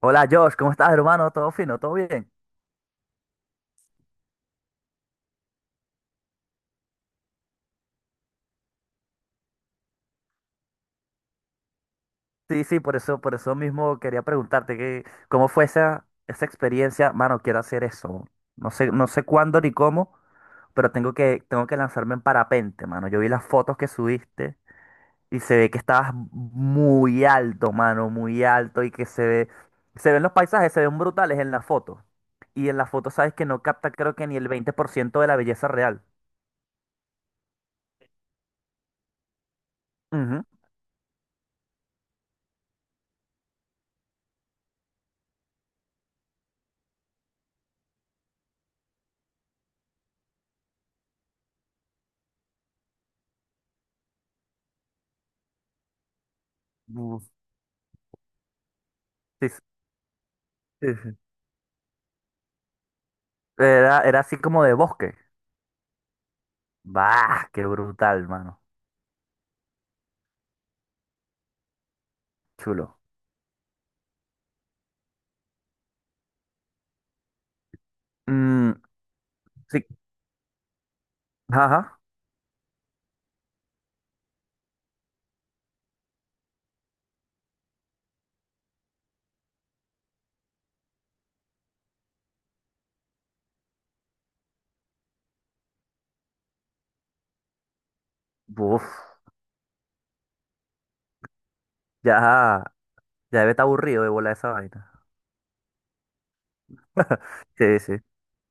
Hola Josh, ¿cómo estás, hermano? ¿Todo fino? ¿Todo bien? Sí, por eso mismo quería preguntarte cómo fue esa experiencia. Mano, quiero hacer eso. No sé cuándo ni cómo, pero tengo que lanzarme en parapente, mano. Yo vi las fotos que subiste y se ve que estabas muy alto, mano, muy alto y que se ven los paisajes, se ven brutales en la foto. Y en la foto sabes que no capta creo que ni el 20% de la belleza real. Ujú. Uf. Sí, sí. Era así como de bosque. Bah, qué brutal, mano. Chulo. Mm, sí, ajá. Uf, ya, ya debe estar aburrido de volar esa vaina. Sí, sí.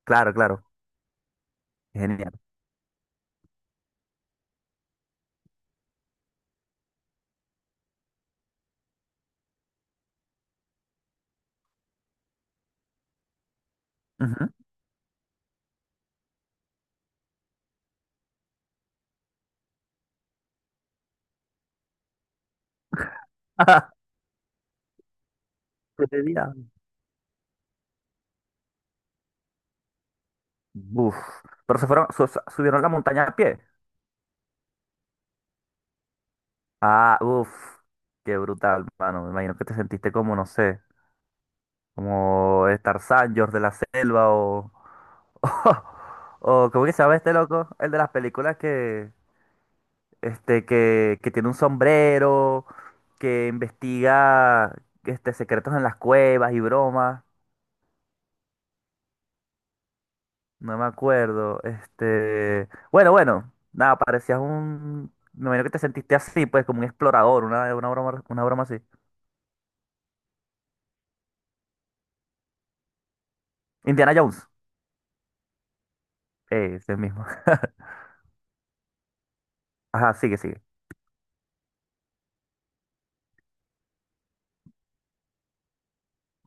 Claro, claro. Genial. Ujú. Ajá, qué día. Uf. Pero se fueron, subieron la montaña a pie. Ah, uf. Qué brutal, mano. Me imagino que te sentiste como, no sé, como Tarzán, George de la Selva o. O, ¿cómo que se llama este loco? El de las películas que. Que tiene un sombrero, que investiga secretos en las cuevas y bromas. No me acuerdo. Nada, parecías un. Me imagino que te sentiste así, pues, como un explorador, una broma así. Indiana Jones. Ese mismo. Ajá, sigue, sigue.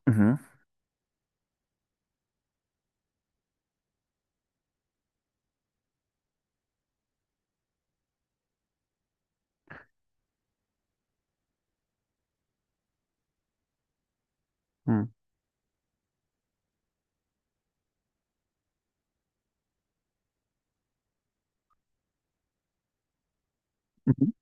Ujú, mm, ujú.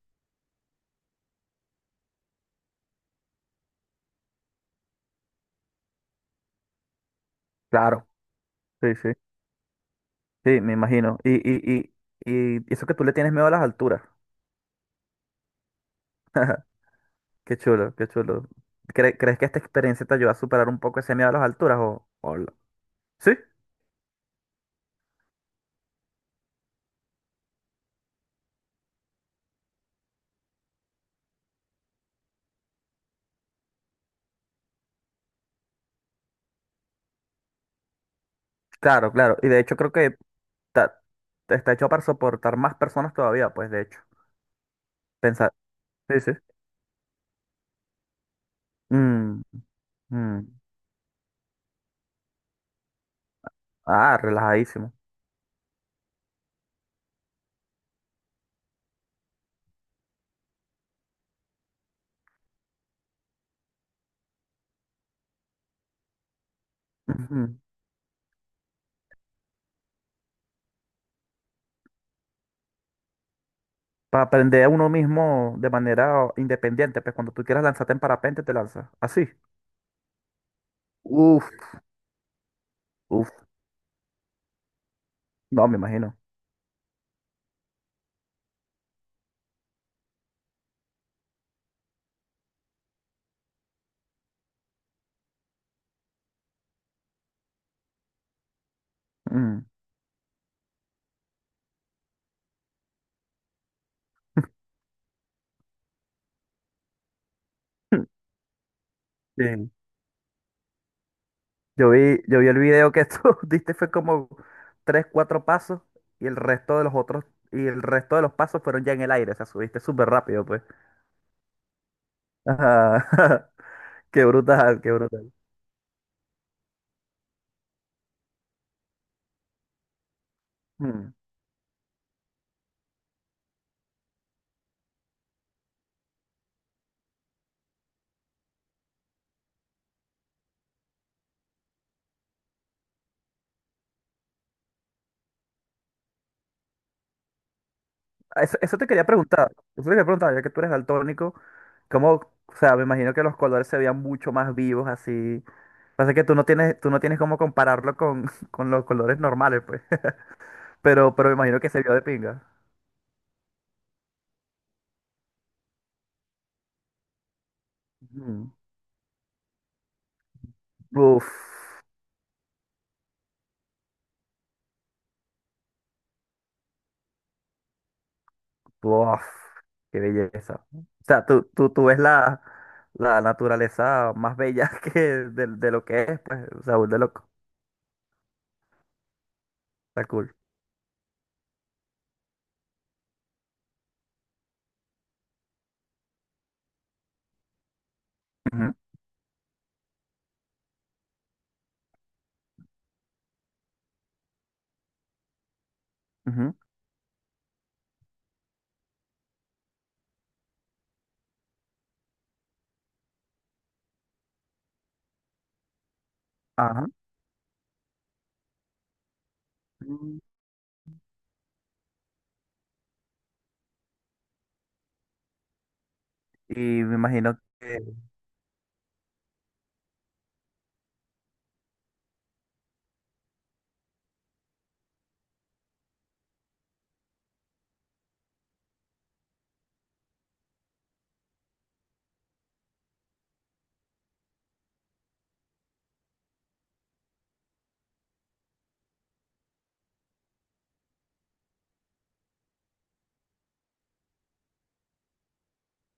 Claro, sí, sí. Sí, me imagino. Y eso que tú le tienes miedo a las alturas. Qué chulo, qué chulo. ¿Crees que esta experiencia te ayuda a superar un poco ese miedo a las alturas o lo- Sí, claro, claro. Y de hecho creo que ta- está hecho para soportar más personas todavía, pues de hecho. Pensar. Sí, sí. Mm, mm. Ah, relajadísimo. Ujú. Para aprender a uno mismo de manera independiente, pues cuando tú quieras lanzarte en parapente te lanzas. Así. Uf, uf. No, me imagino. Mm. Sí. Yo vi el video que tú diste, fue como tres, cuatro pasos y el resto de los otros, y el resto de los pasos fueron ya en el aire, o sea, subiste súper rápido, pues. Ajá. Qué brutal, qué brutal. Mm. Eso te quería preguntar, eso te quería preguntar, ya que tú eres daltónico, ¿cómo, o sea, me imagino que los colores se veían mucho más vivos así. Pasa que tú no tienes cómo compararlo con, con los colores normales, pues. Pero me imagino que se vio de pinga. Mm. Uf. Uf, qué belleza. O sea, tú ves la, la naturaleza más bella que de lo que es, pues, o sea, de loco. Está cool. Ujú, ujú, ajá. Mm, y me imagino que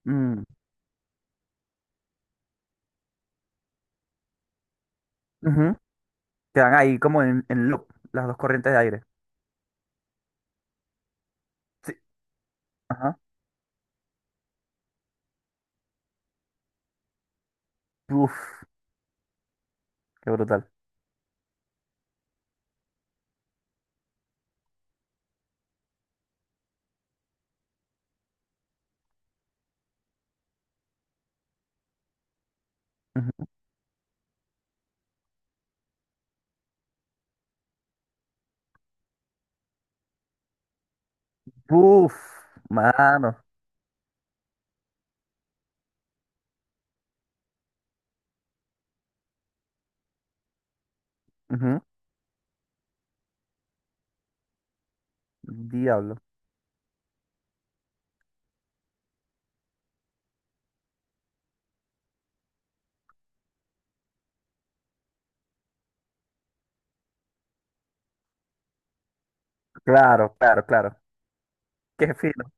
mm, ujú, quedan ahí como en loop las dos corrientes de aire. Sí, ajá. Uf, qué brutal. Ujú. Uf, mano. Ujú, Diablo. Claro, claro, claro. Qué fino.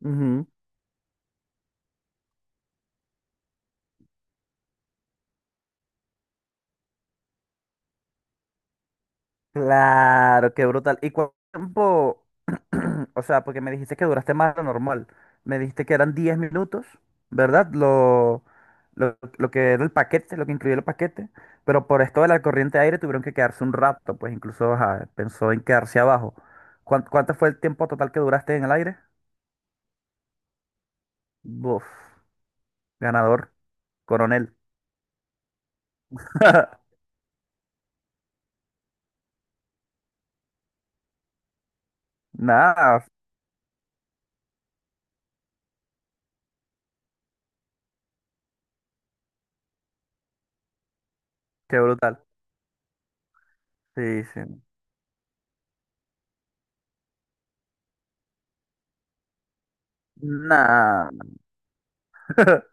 Ujú. Claro, qué brutal. ¿Y cuánto tiempo? O sea, porque me dijiste que duraste más de lo normal. Me dijiste que eran 10 minutos, ¿verdad? Lo que era el paquete, lo que incluía el paquete. Pero por esto de la corriente de aire tuvieron que quedarse un rato, pues incluso ajá, pensó en quedarse abajo. ¿Cuánto, fue el tiempo total que duraste en el aire? Buf, ganador, coronel. Nada, qué brutal. Sí, sí. Nada.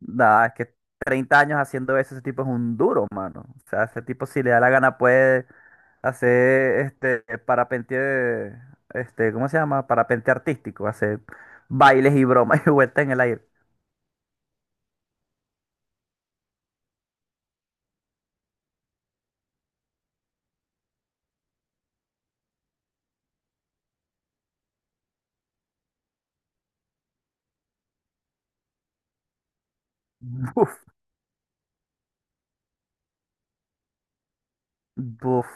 Nah, es que 30 años haciendo eso, ese tipo es un duro, mano. O sea, ese tipo si le da la gana puede hacer este parapente, este, ¿cómo se llama? Parapente artístico, hacer bailes y bromas y vueltas en el aire. Buf, buf,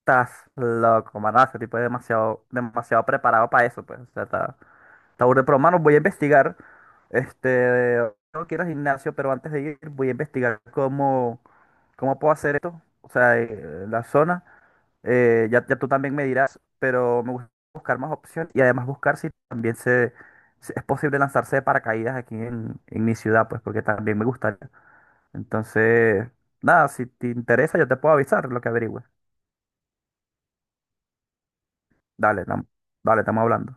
estás loco, mano. Ese tipo es demasiado, demasiado preparado para eso, pues. O sea, está, está burda. Pero, mano, voy a investigar. Este, no quiero ir al gimnasio, pero antes de ir voy a investigar cómo, cómo puedo hacer esto. O sea, la zona. Ya tú también me dirás, pero me gusta buscar más opciones y además buscar si es posible lanzarse de paracaídas aquí en mi ciudad, pues porque también me gustaría. Entonces, nada, si te interesa, yo te puedo avisar lo que averigüe. Dale, dale, estamos hablando.